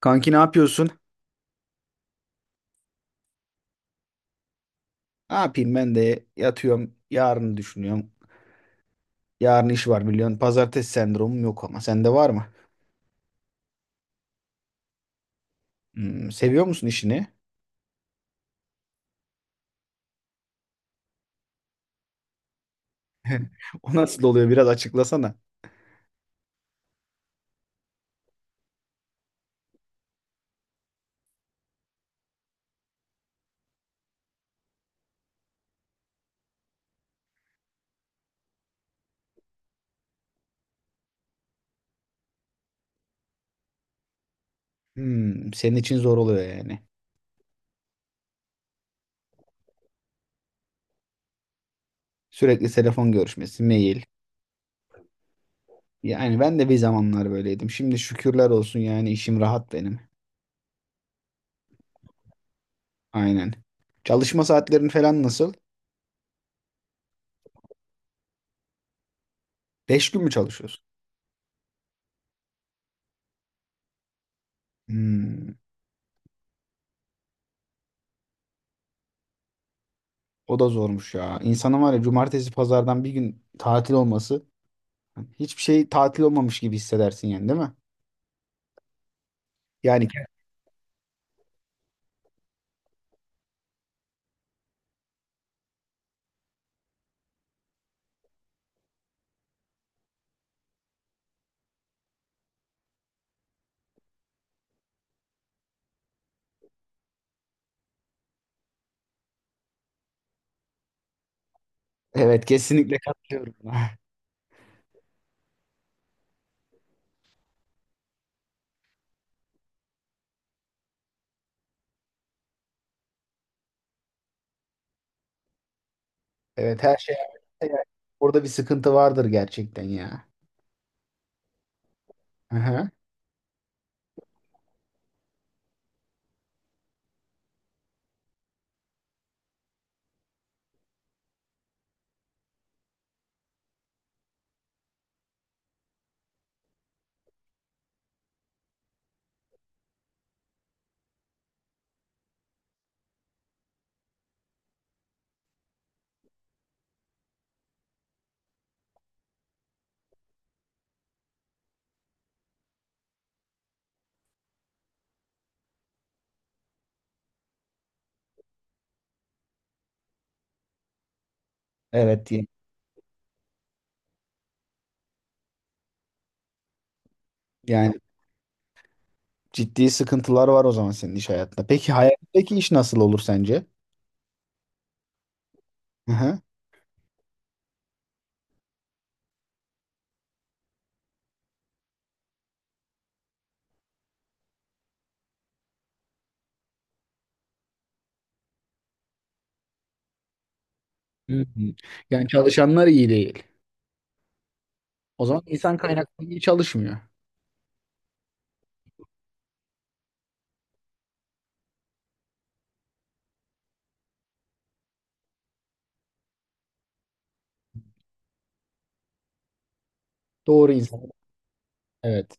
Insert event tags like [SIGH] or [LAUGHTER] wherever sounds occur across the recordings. Kanki ne yapıyorsun? Ne yapayım ben de yatıyorum. Yarını düşünüyorum. Yarın iş var biliyorsun. Pazartesi sendromum yok ama sende var mı? Hmm, seviyor musun işini? [LAUGHS] O nasıl oluyor biraz açıklasana. Hmm, senin için zor oluyor yani. Sürekli telefon görüşmesi, mail. Yani ben de bir zamanlar böyleydim. Şimdi şükürler olsun yani işim rahat benim. Aynen. Çalışma saatlerin falan nasıl? Beş gün mü çalışıyorsun? Hmm, o da zormuş ya. İnsanın var ya cumartesi pazardan bir gün tatil olması. Hiçbir şey tatil olmamış gibi hissedersin yani değil mi? Yani evet, evet, kesinlikle katılıyorum. [LAUGHS] Evet, her şey orada bir sıkıntı vardır gerçekten ya. Aha. Evet, yani ciddi sıkıntılar var o zaman senin iş hayatında. Peki hayalindeki iş nasıl olur sence? Hı hı. Yani çalışanlar iyi değil. O zaman insan kaynakları iyi çalışmıyor. Doğru insan. Evet.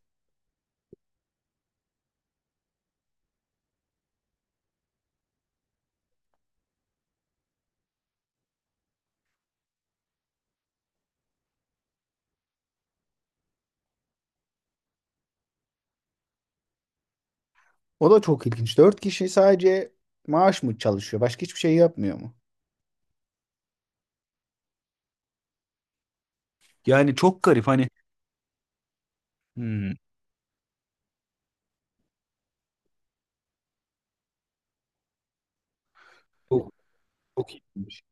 O da çok ilginç. Dört kişi sadece maaş mı çalışıyor? Başka hiçbir şey yapmıyor mu? Yani çok garip hani. Hmm. Çok, çok iyiymiş.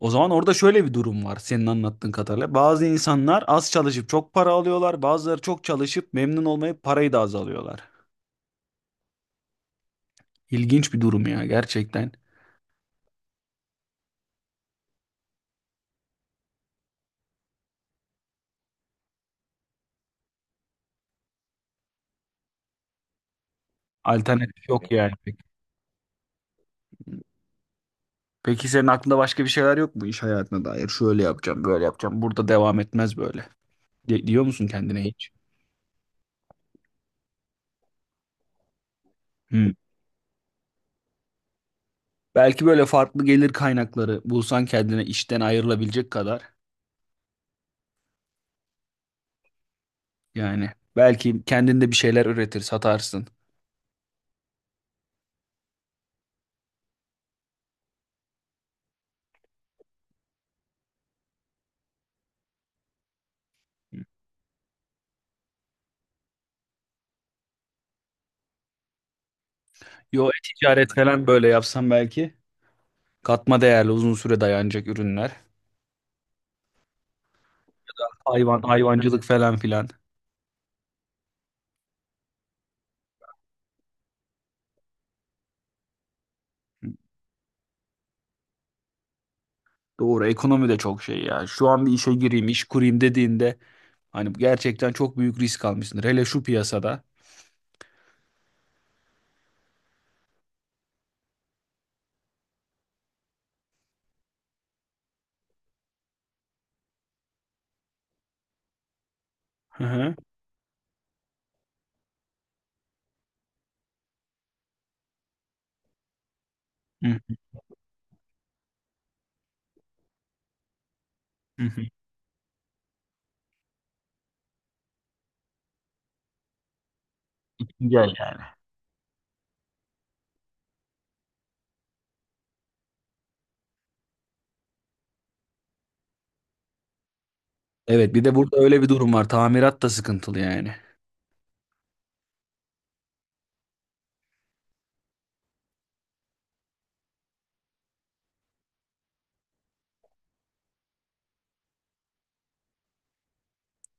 O zaman orada şöyle bir durum var senin anlattığın kadarıyla. Bazı insanlar az çalışıp çok para alıyorlar. Bazıları çok çalışıp memnun olmayıp parayı da az alıyorlar. İlginç bir durum ya gerçekten. Alternatif yok yani. Peki senin aklında başka bir şeyler yok mu iş hayatına dair? Şöyle yapacağım, böyle yapacağım. Burada devam etmez böyle. Diyor musun kendine hiç? Hı. Belki böyle farklı gelir kaynakları bulsan kendine işten ayrılabilecek kadar. Yani belki kendinde bir şeyler üretir, satarsın. Yo, ticaret falan böyle yapsan belki katma değerli uzun süre dayanacak ürünler. Hayvan, hayvancılık falan filan. Doğru, ekonomi de çok şey ya. Şu an bir işe gireyim, iş kurayım dediğinde hani gerçekten çok büyük risk almışsındır. Hele şu piyasada. Hı hı. Hı hı hı. Güzel yani. Evet, bir de burada öyle bir durum var. Tamirat da sıkıntılı yani.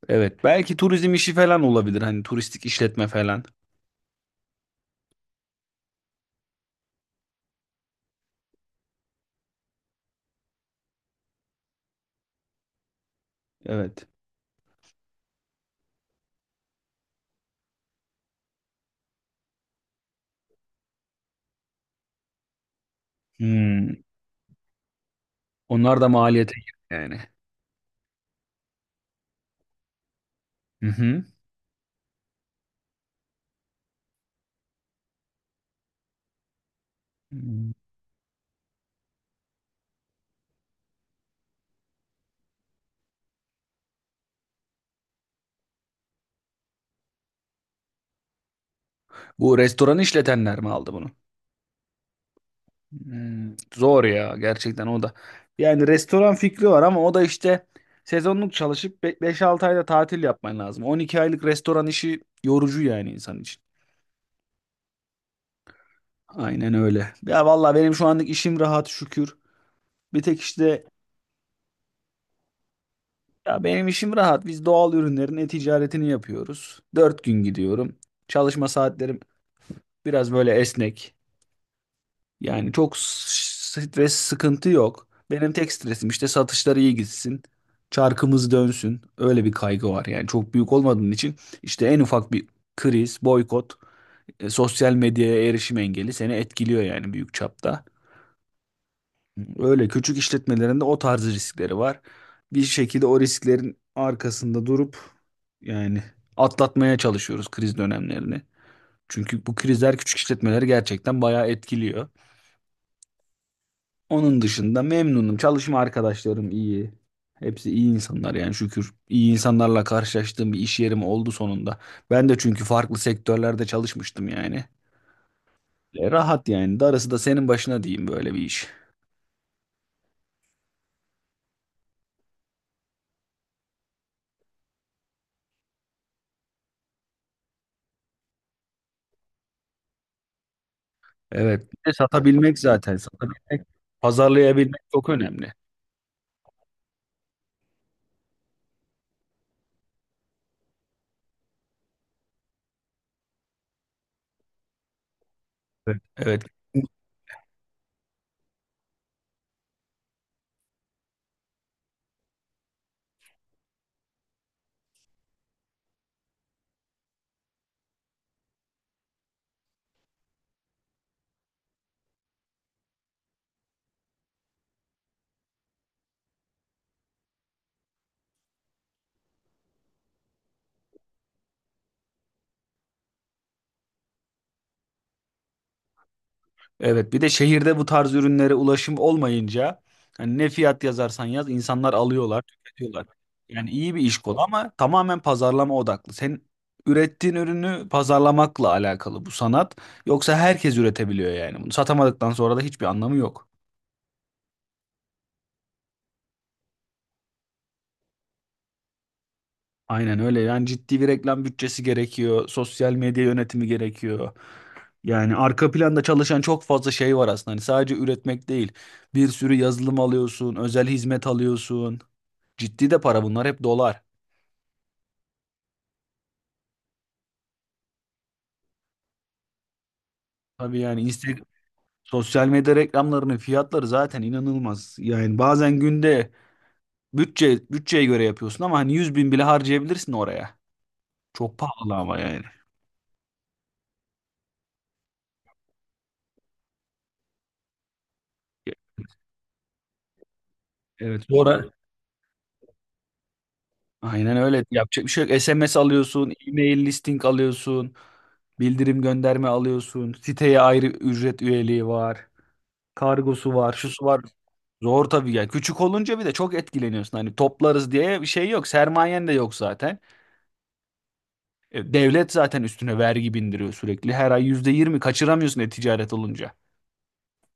Evet, belki turizm işi falan olabilir. Hani turistik işletme falan. Evet. Hmm. Onlar da maliyete gir yani. Hı hı. Hmm. Bu restoran işletenler mi aldı bunu? Hmm. Zor ya gerçekten o da. Yani restoran fikri var ama o da işte sezonluk çalışıp 5-6 ayda tatil yapman lazım. 12 aylık restoran işi yorucu yani insan için. Aynen öyle. Ya vallahi benim şu anlık işim rahat şükür. Bir tek işte, ya benim işim rahat. Biz doğal ürünlerin e-ticaretini yapıyoruz. Dört gün gidiyorum. Çalışma saatlerim biraz böyle esnek. Yani çok stres sıkıntı yok. Benim tek stresim işte satışlar iyi gitsin. Çarkımız dönsün. Öyle bir kaygı var. Yani çok büyük olmadığın için işte en ufak bir kriz, boykot, sosyal medyaya erişim engeli seni etkiliyor yani büyük çapta. Öyle küçük işletmelerinde o tarz riskleri var. Bir şekilde o risklerin arkasında durup yani atlatmaya çalışıyoruz kriz dönemlerini. Çünkü bu krizler küçük işletmeleri gerçekten bayağı etkiliyor. Onun dışında memnunum. Çalışma arkadaşlarım iyi. Hepsi iyi insanlar yani şükür. İyi insanlarla karşılaştığım bir iş yerim oldu sonunda. Ben de çünkü farklı sektörlerde çalışmıştım yani. Rahat yani. Darısı da senin başına diyeyim böyle bir iş. Evet. Bir de satabilmek zaten. Satabilmek, pazarlayabilmek çok önemli. Evet. Evet, evet, bir de şehirde bu tarz ürünlere ulaşım olmayınca hani ne fiyat yazarsan yaz insanlar alıyorlar, tüketiyorlar. Yani iyi bir iş kolu ama tamamen pazarlama odaklı. Sen ürettiğin ürünü pazarlamakla alakalı bu sanat. Yoksa herkes üretebiliyor yani. Bunu satamadıktan sonra da hiçbir anlamı yok. Aynen öyle. Yani ciddi bir reklam bütçesi gerekiyor. Sosyal medya yönetimi gerekiyor. Yani arka planda çalışan çok fazla şey var aslında. Hani sadece üretmek değil. Bir sürü yazılım alıyorsun, özel hizmet alıyorsun. Ciddi de para bunlar hep dolar. Tabii yani Instagram, sosyal medya reklamlarının fiyatları zaten inanılmaz. Yani bazen günde bütçe bütçeye göre yapıyorsun ama hani 100.000 bile harcayabilirsin oraya. Çok pahalı ama yani. Evet, sonra aynen öyle yapacak bir şey yok. SMS alıyorsun, e-mail listing alıyorsun, bildirim gönderme alıyorsun, siteye ayrı ücret üyeliği var, kargosu var, şusu var. Zor tabii ya. Küçük olunca bir de çok etkileniyorsun. Hani toplarız diye bir şey yok. Sermayen de yok zaten. Devlet zaten üstüne vergi bindiriyor sürekli. Her ay %20 kaçıramıyorsun e-ticaret olunca.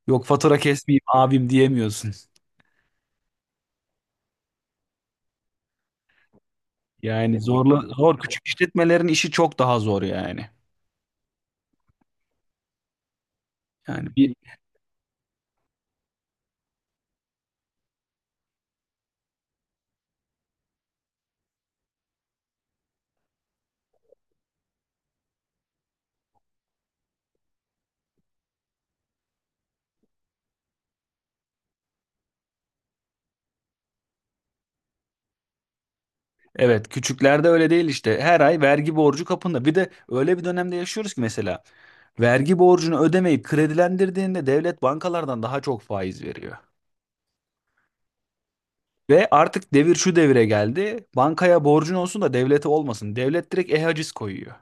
Yok fatura kesmeyeyim abim diyemiyorsun. Yani zor küçük işletmelerin işi çok daha zor yani. Yani, evet, küçüklerde öyle değil işte. Her ay vergi borcu kapında. Bir de öyle bir dönemde yaşıyoruz ki mesela vergi borcunu ödemeyip kredilendirdiğinde devlet bankalardan daha çok faiz veriyor. Ve artık devir şu devire geldi. Bankaya borcun olsun da devlete olmasın. Devlet direkt e-haciz koyuyor.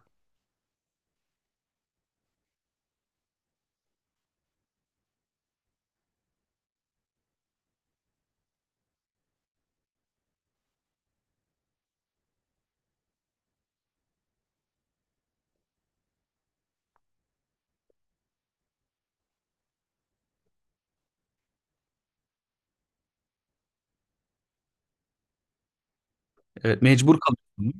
Evet, mecbur kalıyor.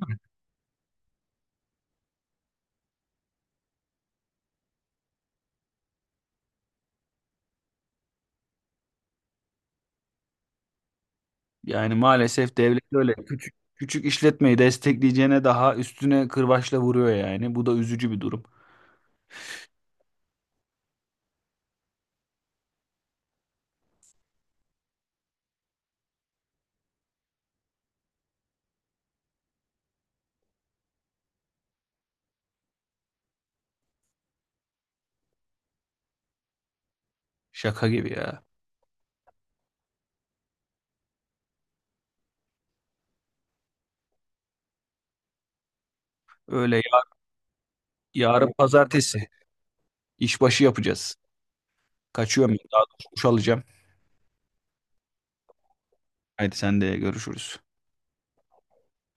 Yani maalesef devlet öyle küçük küçük işletmeyi destekleyeceğine daha üstüne kırbaçla vuruyor yani. Bu da üzücü bir durum. Şaka gibi ya. Öyle ya- Yarın pazartesi işbaşı yapacağız. Kaçıyorum ben. Daha doğrusu duş alacağım. Haydi sen de görüşürüz.